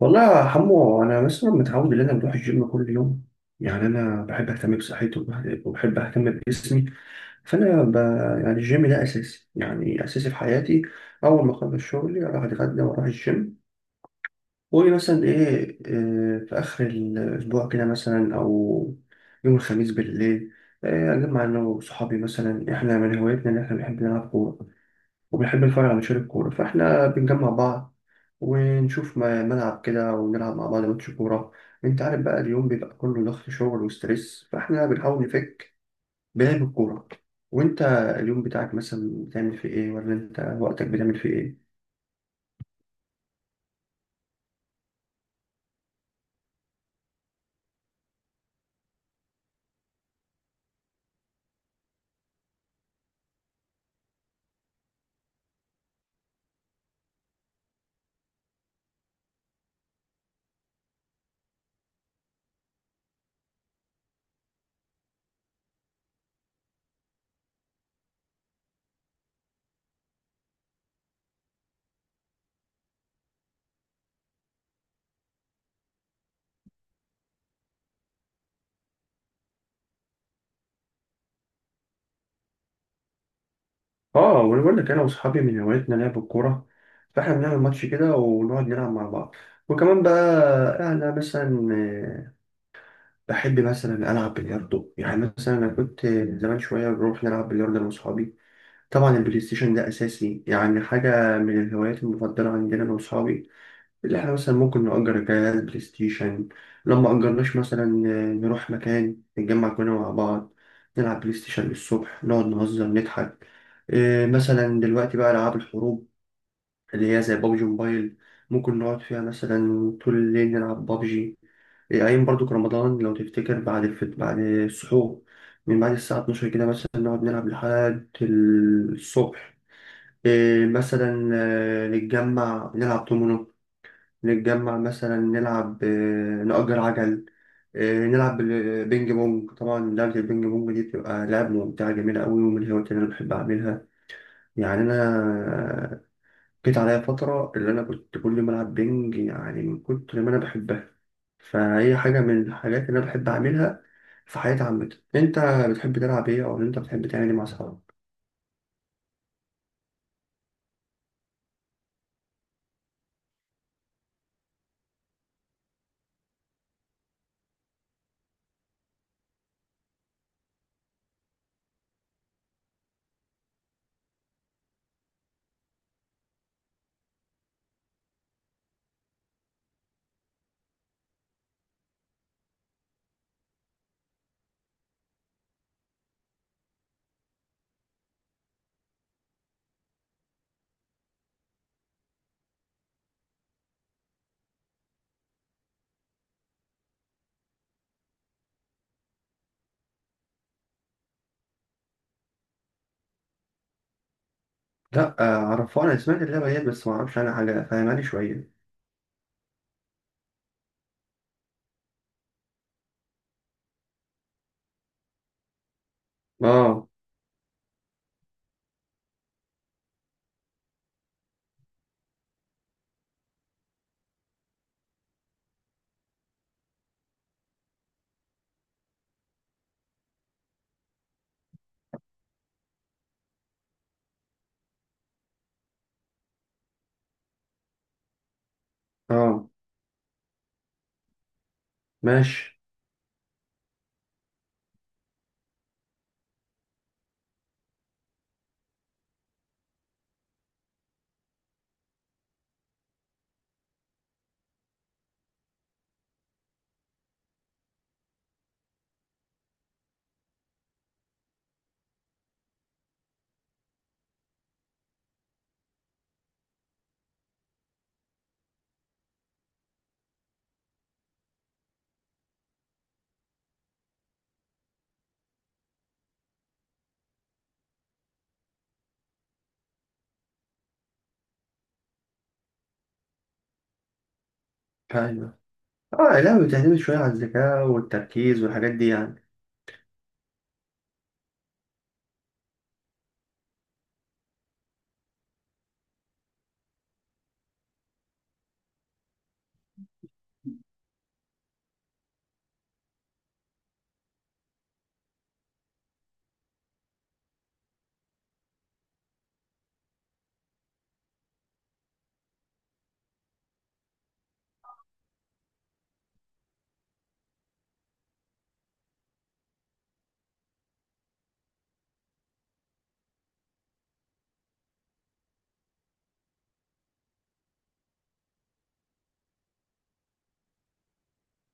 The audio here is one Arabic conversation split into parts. والله يا حمو، انا مثلا متعود ان انا بروح الجيم كل يوم. يعني انا بحب اهتم بصحتي وبحب اهتم بجسمي. فانا ب... يعني الجيم ده اساسي، يعني اساسي في حياتي. اول ما اخلص شغلي اروح اتغدى واروح الجيم. ومثلا ايه، في اخر الاسبوع كده مثلا، او يوم الخميس بالليل، اجمع انا وصحابي. مثلا احنا من هوايتنا ان احنا بنحب نلعب كوره، وبنحب نتفرج على ماتشات الكورة، فإحنا بنجمع بعض ونشوف ملعب كده ونلعب مع بعض ماتش كورة. أنت عارف بقى، اليوم بيبقى كله ضغط شغل وستريس، فإحنا بنحاول نفك بلعب الكورة. وأنت اليوم بتاعك مثلا بتعمل فيه إيه، ولا أنت وقتك بتعمل فيه إيه؟ آه، وأنا بقول لك، أنا وأصحابي من هوايتنا لعب الكورة، فإحنا بنعمل ماتش كده ونقعد نلعب مع بعض. وكمان بقى أنا مثلا، بحب مثلا ألعب بلياردو. يعني مثلا أنا كنت زمان شوية بروح نلعب بلياردو أنا وأصحابي. طبعا البلاي ستيشن ده أساسي، يعني حاجة من الهوايات المفضلة عندنا أنا وأصحابي. اللي إحنا مثلا ممكن نأجر جهاز بلاي ستيشن، لما أجرناش مثلا نروح مكان نتجمع كلنا مع بعض، نلعب بلاي ستيشن للصبح، نقعد نهزر نضحك. إيه مثلا دلوقتي بقى ألعاب الحروب، اللي هي زي بابجي موبايل، ممكن نقعد فيها مثلا طول الليل نلعب بابجي. إيه، أيام برضو في رمضان لو تفتكر بعد بعد السحور، من بعد الساعة 12 كده مثلا، نقعد نلعب لحد الصبح. إيه مثلا، نتجمع نلعب دومينو، نتجمع مثلا نلعب، نأجر عجل، نلعب بينج بونج. طبعا لعبة البينج بونج دي بتبقى لعبة ممتعة جميلة أوي، ومن الهوايات اللي أنا بحب أعملها. يعني أنا جيت عليا فترة اللي أنا كنت كل ما ألعب بينج، يعني من كتر ما أنا بحبها، فهي حاجة من الحاجات اللي أنا بحب أعملها في حياتي عامة. أنت بتحب تلعب إيه، أو أنت بتحب تعمل إيه مع أصحابك؟ لأ، عرفوها، أنا سمعت اللعبة ديت بس معرفش عنها حاجة، فاهماني شوية. اه. اه. ماشي. ايوه. اه، لا بتعتمد شويه على الذكاء والتركيز والحاجات دي يعني.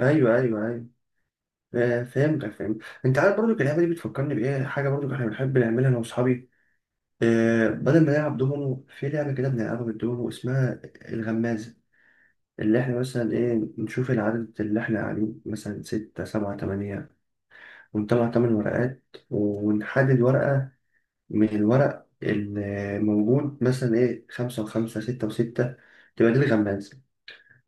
ايوه، ايوه، ايوه. آه، فهمتك. فهمت. انت عارف برضو اللعبه دي بتفكرني بايه؟ حاجه برضو احنا بنحب نعملها انا واصحابي. آه، بدل ما نلعب دومينو، في لعبه كده بنلعبها بالدومينو اسمها الغمازه. اللي احنا مثلا ايه، نشوف العدد اللي احنا قاعدين مثلا ستة سبعة تمانية، ونطلع تمن ورقات، ونحدد ورقة من الورق الموجود، مثلا ايه، خمسة وخمسة، ستة وستة، تبقى دي الغمازة.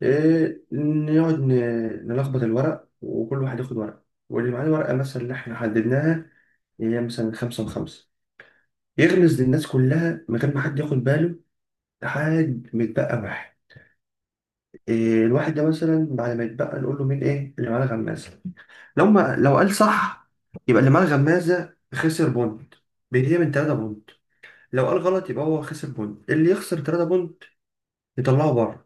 إيه، نقعد نلخبط الورق، وكل واحد ياخد ورق، واللي معاه الورقة مثلا اللي احنا حددناها، هي مثلا خمسة وخمسة، يغمز للناس كلها من غير ما حد ياخد باله، لحد ما يتبقى واحد. إيه، الواحد ده مثلا بعد ما يتبقى نقول له مين ايه اللي معاه الغمازة. لو ما لو قال صح، يبقى اللي معاه الغمازة خسر بوند، بيتهيأ من تلاتة بوند. لو قال غلط يبقى هو خسر بونت، اللي يخسر 3 بونت يطلعه بره.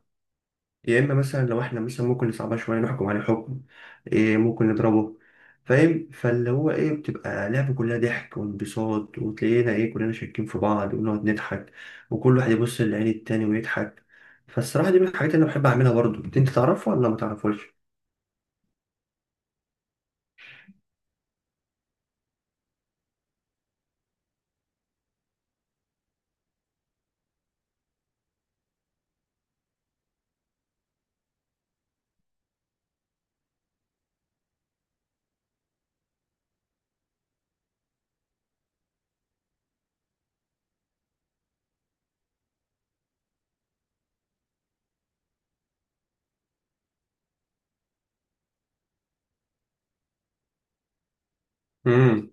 يا اما مثلا لو احنا مثلا ممكن نصعبها شويه، نحكم عليه حكم، إيه، ممكن نضربه. فاهم؟ فاللي هو ايه، بتبقى لعبة كلها ضحك وانبساط، وتلاقينا ايه، كلنا شاكين في بعض ونقعد نضحك، وكل واحد يبص لعين التاني ويضحك. فالصراحة دي من الحاجات اللي انا بحب اعملها. برضو انت تعرفها ولا ما تعرفوش؟ امم.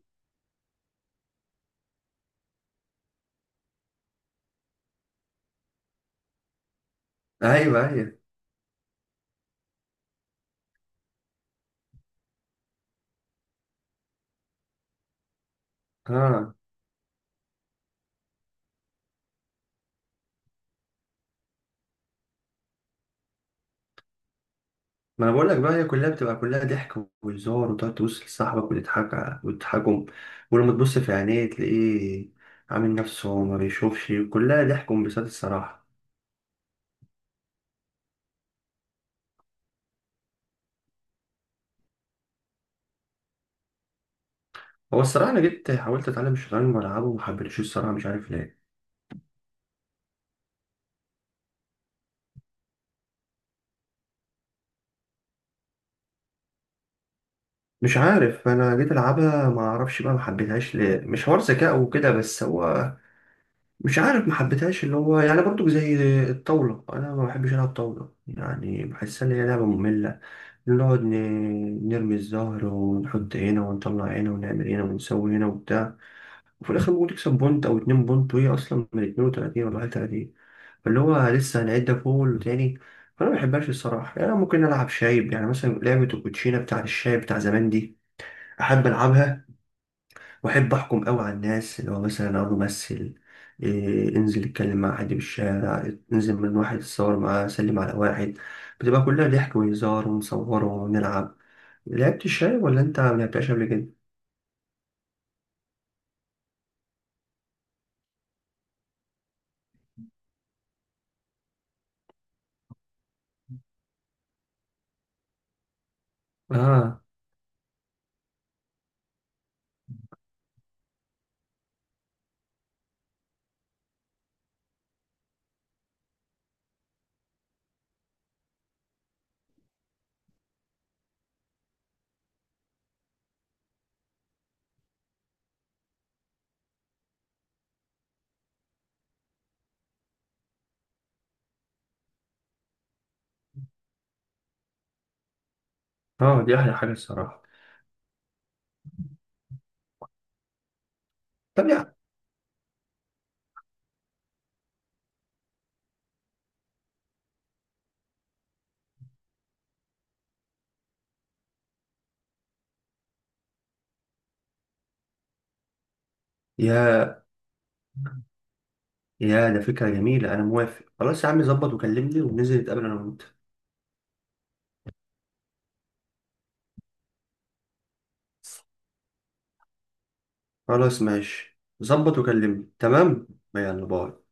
ايوه، ايوه. اه، ما انا بقول لك بقى، هي كلها بتبقى كلها ضحك وهزار، وتقعد تبص لصاحبك وتضحك، وتضحكهم. ولما تبص في عينيه تلاقيه عامل نفسه ما بيشوفش، كلها ضحك وانبساط الصراحة. هو الصراحة انا جيت حاولت اتعلم الشطرنج والعبه وما حبيتش، الصراحة مش عارف ليه. مش عارف، انا جيت العبها ما اعرفش بقى، ما حبيتهاش ليه، مش حوار ذكاء وكده بس، هو مش عارف. ما حبيتهاش، اللي هو يعني برضو زي الطاولة، انا ما بحبش العب طاولة، يعني بحسها ان هي لعبة مملة. نقعد نرمي الزهر، ونحط هنا ونطلع هنا ونعمل هنا ونسوي هنا وبتاع، وفي الآخر ممكن تكسب بونت أو اتنين بونت، وهي أصلا من اتنين وتلاتين، ولا حاجة تلاتين، فاللي هو لسه هنعدها فول وتاني. فأنا ما بحبهاش الصراحة. يعني أنا ممكن ألعب شايب، يعني مثلا لعبة الكوتشينة بتاع الشايب بتاع زمان دي أحب ألعبها. وأحب أحكم أوي على الناس، اللي هو مثلا أقول له مثل إيه، انزل اتكلم مع حد في الشارع، انزل من واحد اتصور معاه، سلم على واحد. بتبقى كلها ضحك وهزار، ونصوره ونلعب. لعبت الشاي ولا انت ما لعبتهاش قبل كده؟ اه. اه، دي احلى حاجه الصراحه. طب، يا يا ده فكره جميله، انا موافق. خلاص يا عم، ظبط وكلمني، وننزل نتقابل انا وانت. خلاص ماشي، ظبط وكلمني، تمام. يلا باي.